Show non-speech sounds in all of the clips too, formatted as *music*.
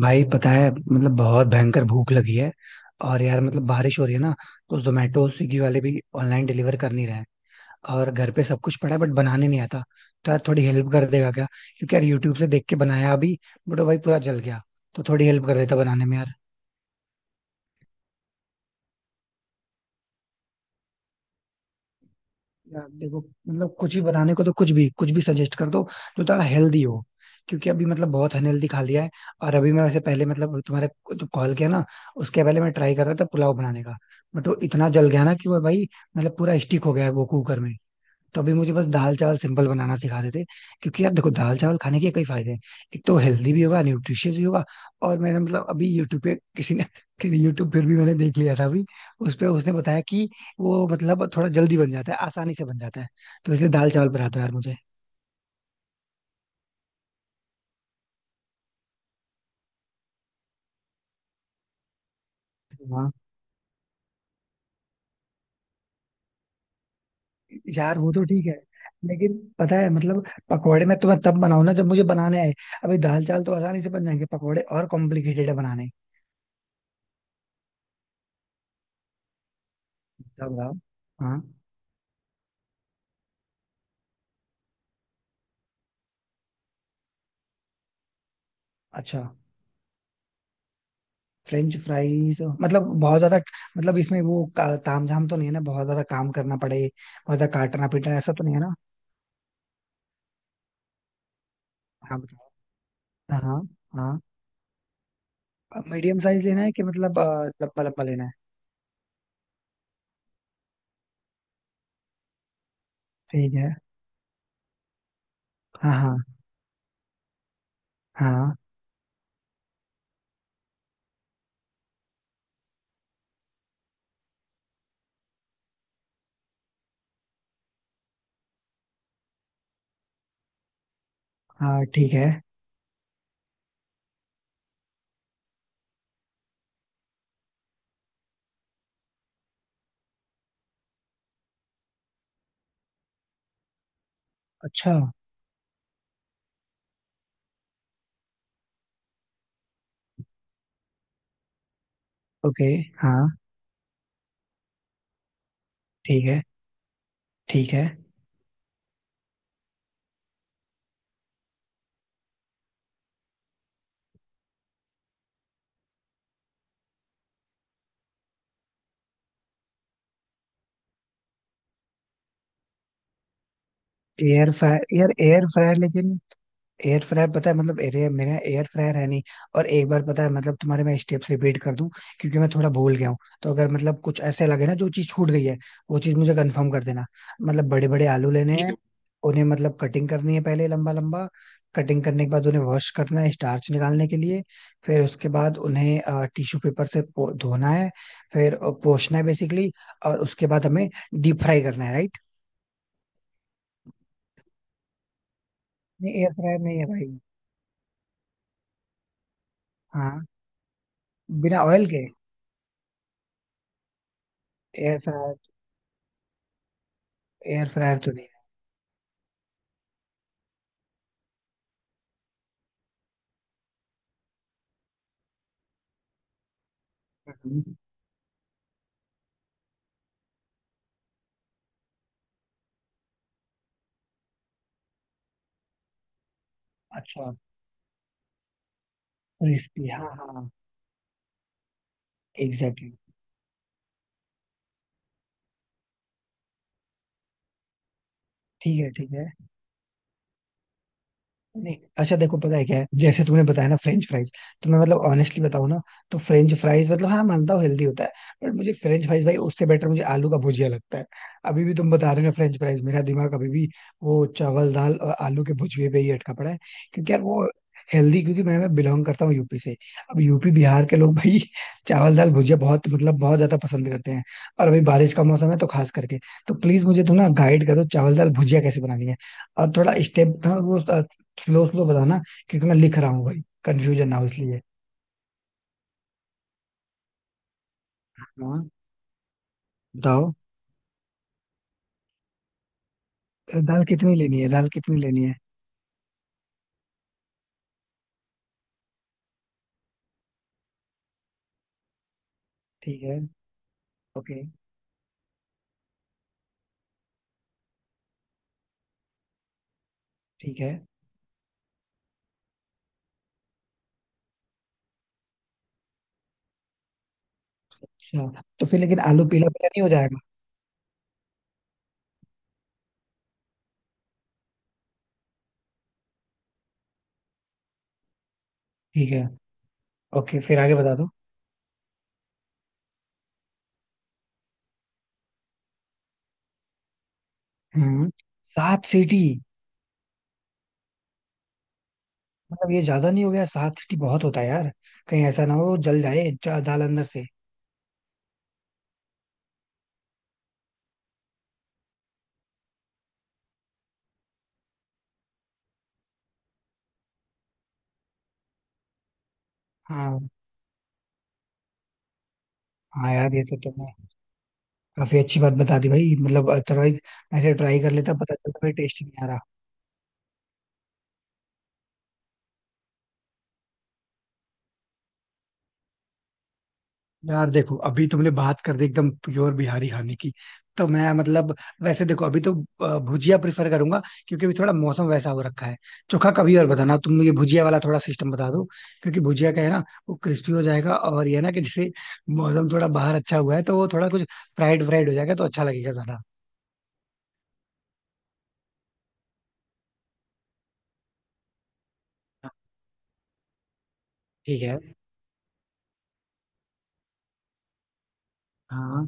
भाई पता है मतलब बहुत भयंकर भूख लगी है। और यार मतलब बारिश हो रही है ना। तो जोमेटो स्विगी वाले भी ऑनलाइन डिलीवर कर नहीं रहे हैं। और घर पे सब कुछ पड़ा है, बट बनाने नहीं आता। तो यार थोड़ी हेल्प कर देगा क्या? क्योंकि यार यूट्यूब से देख के बनाया अभी, बट वो भाई पूरा जल गया। तो थोड़ी हेल्प कर देता बनाने में यार। यार देखो मतलब कुछ भी बनाने को, तो कुछ भी सजेस्ट कर दो, जो थोड़ा हेल्दी हो। क्योंकि अभी मतलब बहुत अनहेल्दी खा लिया है। और अभी मैं वैसे पहले मतलब जो कॉल किया ना, उसके पहले मैं ट्राई कर रहा था पुलाव बनाने का। बट वो इतना जल गया ना कि वो भाई, मतलब पूरा स्टिक हो गया है वो कुकर में। तो अभी मुझे बस दाल चावल सिंपल बनाना सिखा देते। क्योंकि यार देखो दाल चावल खाने के कई फायदे हैं। एक तो हेल्दी भी होगा, न्यूट्रिशियस भी होगा। और मैंने मतलब अभी यूट्यूब पे किसी ने *laughs* यूट्यूब पर भी मैंने देख लिया था अभी। उस पे उसने बताया कि वो मतलब थोड़ा जल्दी बन जाता है, आसानी से बन जाता है। तो इसलिए दाल चावल बनाता है यार मुझे। हाँ यार वो तो ठीक है, लेकिन पता है मतलब पकौड़े में तो मैं तब बनाऊं ना जब मुझे बनाने आए। अभी दाल चावल तो आसानी से बन जाएंगे, पकौड़े और कॉम्प्लिकेटेड है बनाने। अच्छा बताओ। हाँ। अच्छा। फ्रेंच फ्राइज मतलब बहुत ज्यादा, मतलब इसमें वो तामझाम तो नहीं है ना, बहुत ज्यादा काम करना पड़े? बहुत ज्यादा काटना पीटना ऐसा तो नहीं है ना? हाँ बताओ। हाँ हाँ। मीडियम साइज लेना है कि मतलब लंबा लंबा लेना है? ठीक है। हाँ हाँ। हाँ। हाँ। ठीक है। अच्छा। ओके। हाँ ठीक है। ठीक है। एयर फ्रायर यार, एयर फ्रायर लेकिन एयर फ्रायर पता है मतलब एरे मेरा एयर फ्रायर है नहीं। और एक बार पता है मतलब तुम्हारे मैं स्टेप्स रिपीट कर दूं, क्योंकि मैं थोड़ा भूल गया हूँ। तो अगर मतलब कुछ ऐसे लगे ना जो चीज छूट गई है, वो चीज मुझे कंफर्म कर देना। मतलब बड़े बड़े आलू लेने ठीक हैं है। उन्हें मतलब कटिंग करनी है पहले लंबा लंबा। कटिंग करने के बाद उन्हें वॉश करना है स्टार्च निकालने के लिए। फिर उसके बाद उन्हें टिश्यू पेपर से धोना है। फिर पोंछना है बेसिकली। और उसके बाद हमें डीप फ्राई करना है, राइट? नहीं एयर फ्रायर नहीं है भाई। हाँ, बिना ऑयल के। एयर, एयर फ्रायर तो नहीं है। हम्म। अच्छा। क्रिस्पी हाँ हाँ। एग्जैक्टली। ठीक है ठीक है। नहीं अच्छा देखो पता है क्या है, जैसे तुमने बताया ना फ्रेंच फ्राइज, तो मैं मतलब ऑनेस्टली बताऊं ना, तो फ्रेंच फ्राइज मतलब हाँ मानता हूँ हेल्दी होता है। बट मुझे फ्रेंच फ्राइज भाई, उससे बेटर मुझे आलू का भुजिया लगता है। अभी भी तुम बता रहे हो फ्रेंच फ्राइज, मेरा दिमाग अभी भी वो चावल दाल और आलू के भुजिए पे ही अटका पड़ा है। क्योंकि यार वो हेल्दी, क्योंकि मैं बिलोंग करता हूँ यूपी से। अब यूपी बिहार के लोग भाई *laughs* चावल दाल भुजिया बहुत मतलब बहुत ज्यादा पसंद करते हैं। और अभी बारिश का मौसम है तो खास करके। तो प्लीज मुझे तुम ना गाइड करो चावल दाल भुजिया कैसे बनानी है। और थोड़ा स्टेप था वो, किलो स्लो बताना, क्योंकि मैं लिख रहा हूँ भाई कंफ्यूजन ना हो इसलिए। हाँ बताओ। दाल कितनी लेनी है? ठीक है। ओके। ठीक है। अच्छा तो फिर लेकिन आलू पीला पीला नहीं हो जाएगा? ठीक है। ओके फिर आगे बता दो। हम्म। सात सीटी? मतलब ये ज्यादा नहीं हो गया, सात सीटी बहुत होता है यार। कहीं ऐसा ना हो जल जाए दाल अंदर से। हाँ। हाँ यार ये तो तुमने काफी अच्छी बात बता दी भाई, मतलब अदरवाइज ऐसे ट्राई कर लेता, पता चलता भाई टेस्ट नहीं आ रहा। यार देखो अभी तुमने बात कर दी एकदम प्योर बिहारी खाने की। तो मैं मतलब वैसे देखो अभी तो भुजिया प्रिफर करूंगा, क्योंकि अभी थोड़ा मौसम वैसा हो रखा है। चोखा कभी और बताना, तुम मुझे भुजिया वाला थोड़ा सिस्टम बता दो। क्योंकि भुजिया का है ना, वो क्रिस्पी हो जाएगा और ये है ना कि जैसे मौसम थोड़ा बाहर अच्छा हुआ है, तो वो थोड़ा कुछ फ्राइड फ्राइड हो जाएगा तो अच्छा लगेगा ज्यादा। ठीक है। हाँ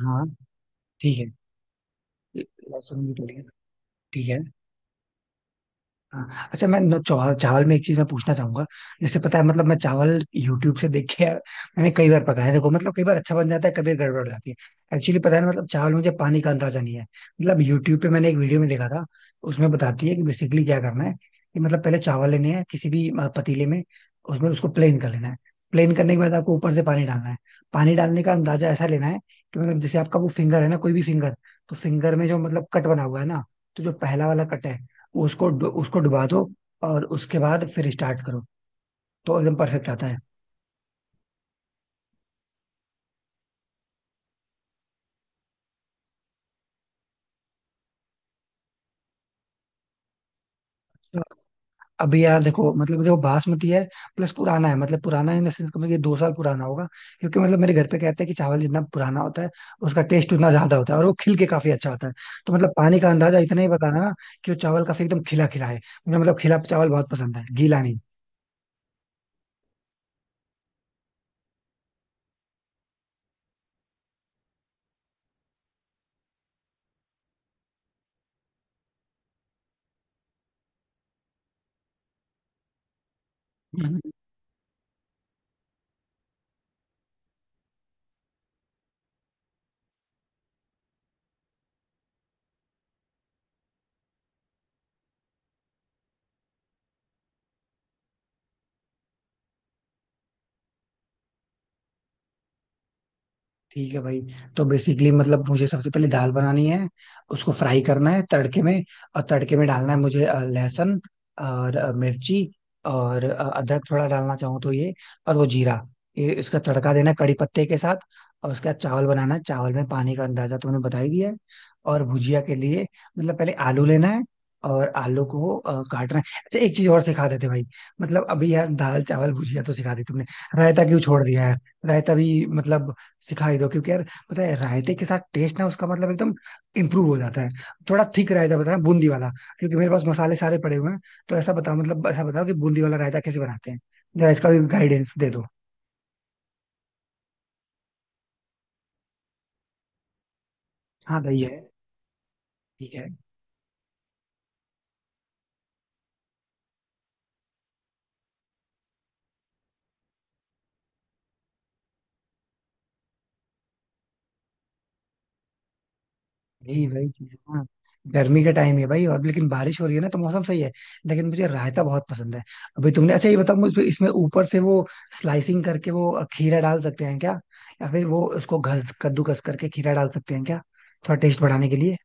हाँ। ठीक है। लहसुन भी डलेगा? ठीक है। हाँ, अच्छा मैं चावल, चावल में एक चीज मैं पूछना चाहूंगा। जैसे पता है मतलब मैं चावल यूट्यूब से देख के यार मैंने कई बार पकाया, देखो मतलब कई बार अच्छा बन जाता है, कभी गड़बड़ हो जाती है एक्चुअली पता है ना, मतलब चावल में मुझे पानी का अंदाजा नहीं है। मतलब यूट्यूब पे मैंने एक वीडियो में देखा था, उसमें बताती है कि बेसिकली क्या करना है कि मतलब पहले चावल लेने हैं किसी भी पतीले में, उसमें उसको प्लेन कर लेना है। प्लेन करने के बाद आपको ऊपर से पानी डालना है। पानी डालने का अंदाजा ऐसा लेना है कि मतलब जैसे आपका वो फिंगर है ना, कोई भी फिंगर, तो फिंगर में जो मतलब कट बना हुआ है ना, तो जो पहला वाला कट है, उसको डुबा दो और उसके बाद फिर स्टार्ट करो। तो एकदम परफेक्ट आता है। अभी यहाँ देखो मतलब देखो बासमती है, प्लस पुराना है। मतलब पुराना इन द सेंस ये 2 साल पुराना होगा, क्योंकि मतलब मेरे घर पे कहते हैं कि चावल जितना पुराना होता है उसका टेस्ट उतना ज्यादा होता है और वो खिल के काफी अच्छा होता है। तो मतलब पानी का अंदाजा इतना ही बताना ना कि वो चावल काफी एकदम खिला खिला है। मुझे मतलब खिला चावल बहुत पसंद है, गीला नहीं। ठीक है भाई। तो बेसिकली मतलब मुझे सबसे पहले दाल बनानी है, उसको फ्राई करना है तड़के में। और तड़के में डालना है मुझे लहसुन और मिर्ची और अदरक थोड़ा डालना चाहूँ तो ये, और वो जीरा। ये इसका तड़का देना है कड़ी पत्ते के साथ। और उसके बाद चावल बनाना है, चावल में पानी का अंदाजा तुमने बता ही दिया है। और भुजिया के लिए मतलब पहले आलू लेना है और आलू को काटना है। अच्छा एक चीज और सिखा देते भाई, मतलब अभी यार दाल चावल भुजिया तो सिखा दी तुमने, रायता क्यों छोड़ दिया है? रायता भी मतलब सिखा ही दो, क्योंकि यार पता है रायते के साथ टेस्ट ना उसका मतलब एकदम इम्प्रूव हो जाता है। थोड़ा थिक रायता बताना, बूंदी वाला, क्योंकि मेरे पास मसाले सारे पड़े हुए हैं। तो ऐसा बताओ मतलब ऐसा बताओ कि बूंदी वाला रायता कैसे बनाते हैं, जरा इसका भी गाइडेंस दे दो। हाँ भाई है। ठीक है। यही वही चीज है ना, गर्मी का टाइम है भाई और, लेकिन बारिश हो रही है ना तो मौसम सही है। लेकिन मुझे रायता बहुत पसंद है। अभी तुमने अच्छा ये बताओ मुझे, इसमें ऊपर से वो स्लाइसिंग करके वो खीरा डाल सकते हैं क्या? या फिर वो उसको घस कद्दूकस करके खीरा डाल सकते हैं क्या, थोड़ा टेस्ट बढ़ाने के लिए?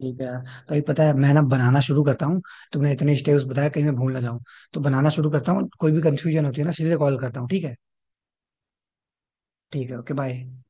ठीक है यार। तो ये पता है मैं ना बनाना शुरू करता हूँ, तुमने इतने स्टेप्स बताया कहीं मैं भूल ना जाऊँ। तो बनाना शुरू करता हूँ, कोई भी कंफ्यूजन होती है ना सीधे कॉल करता हूँ, ठीक है? ठीक है, ओके, बाय।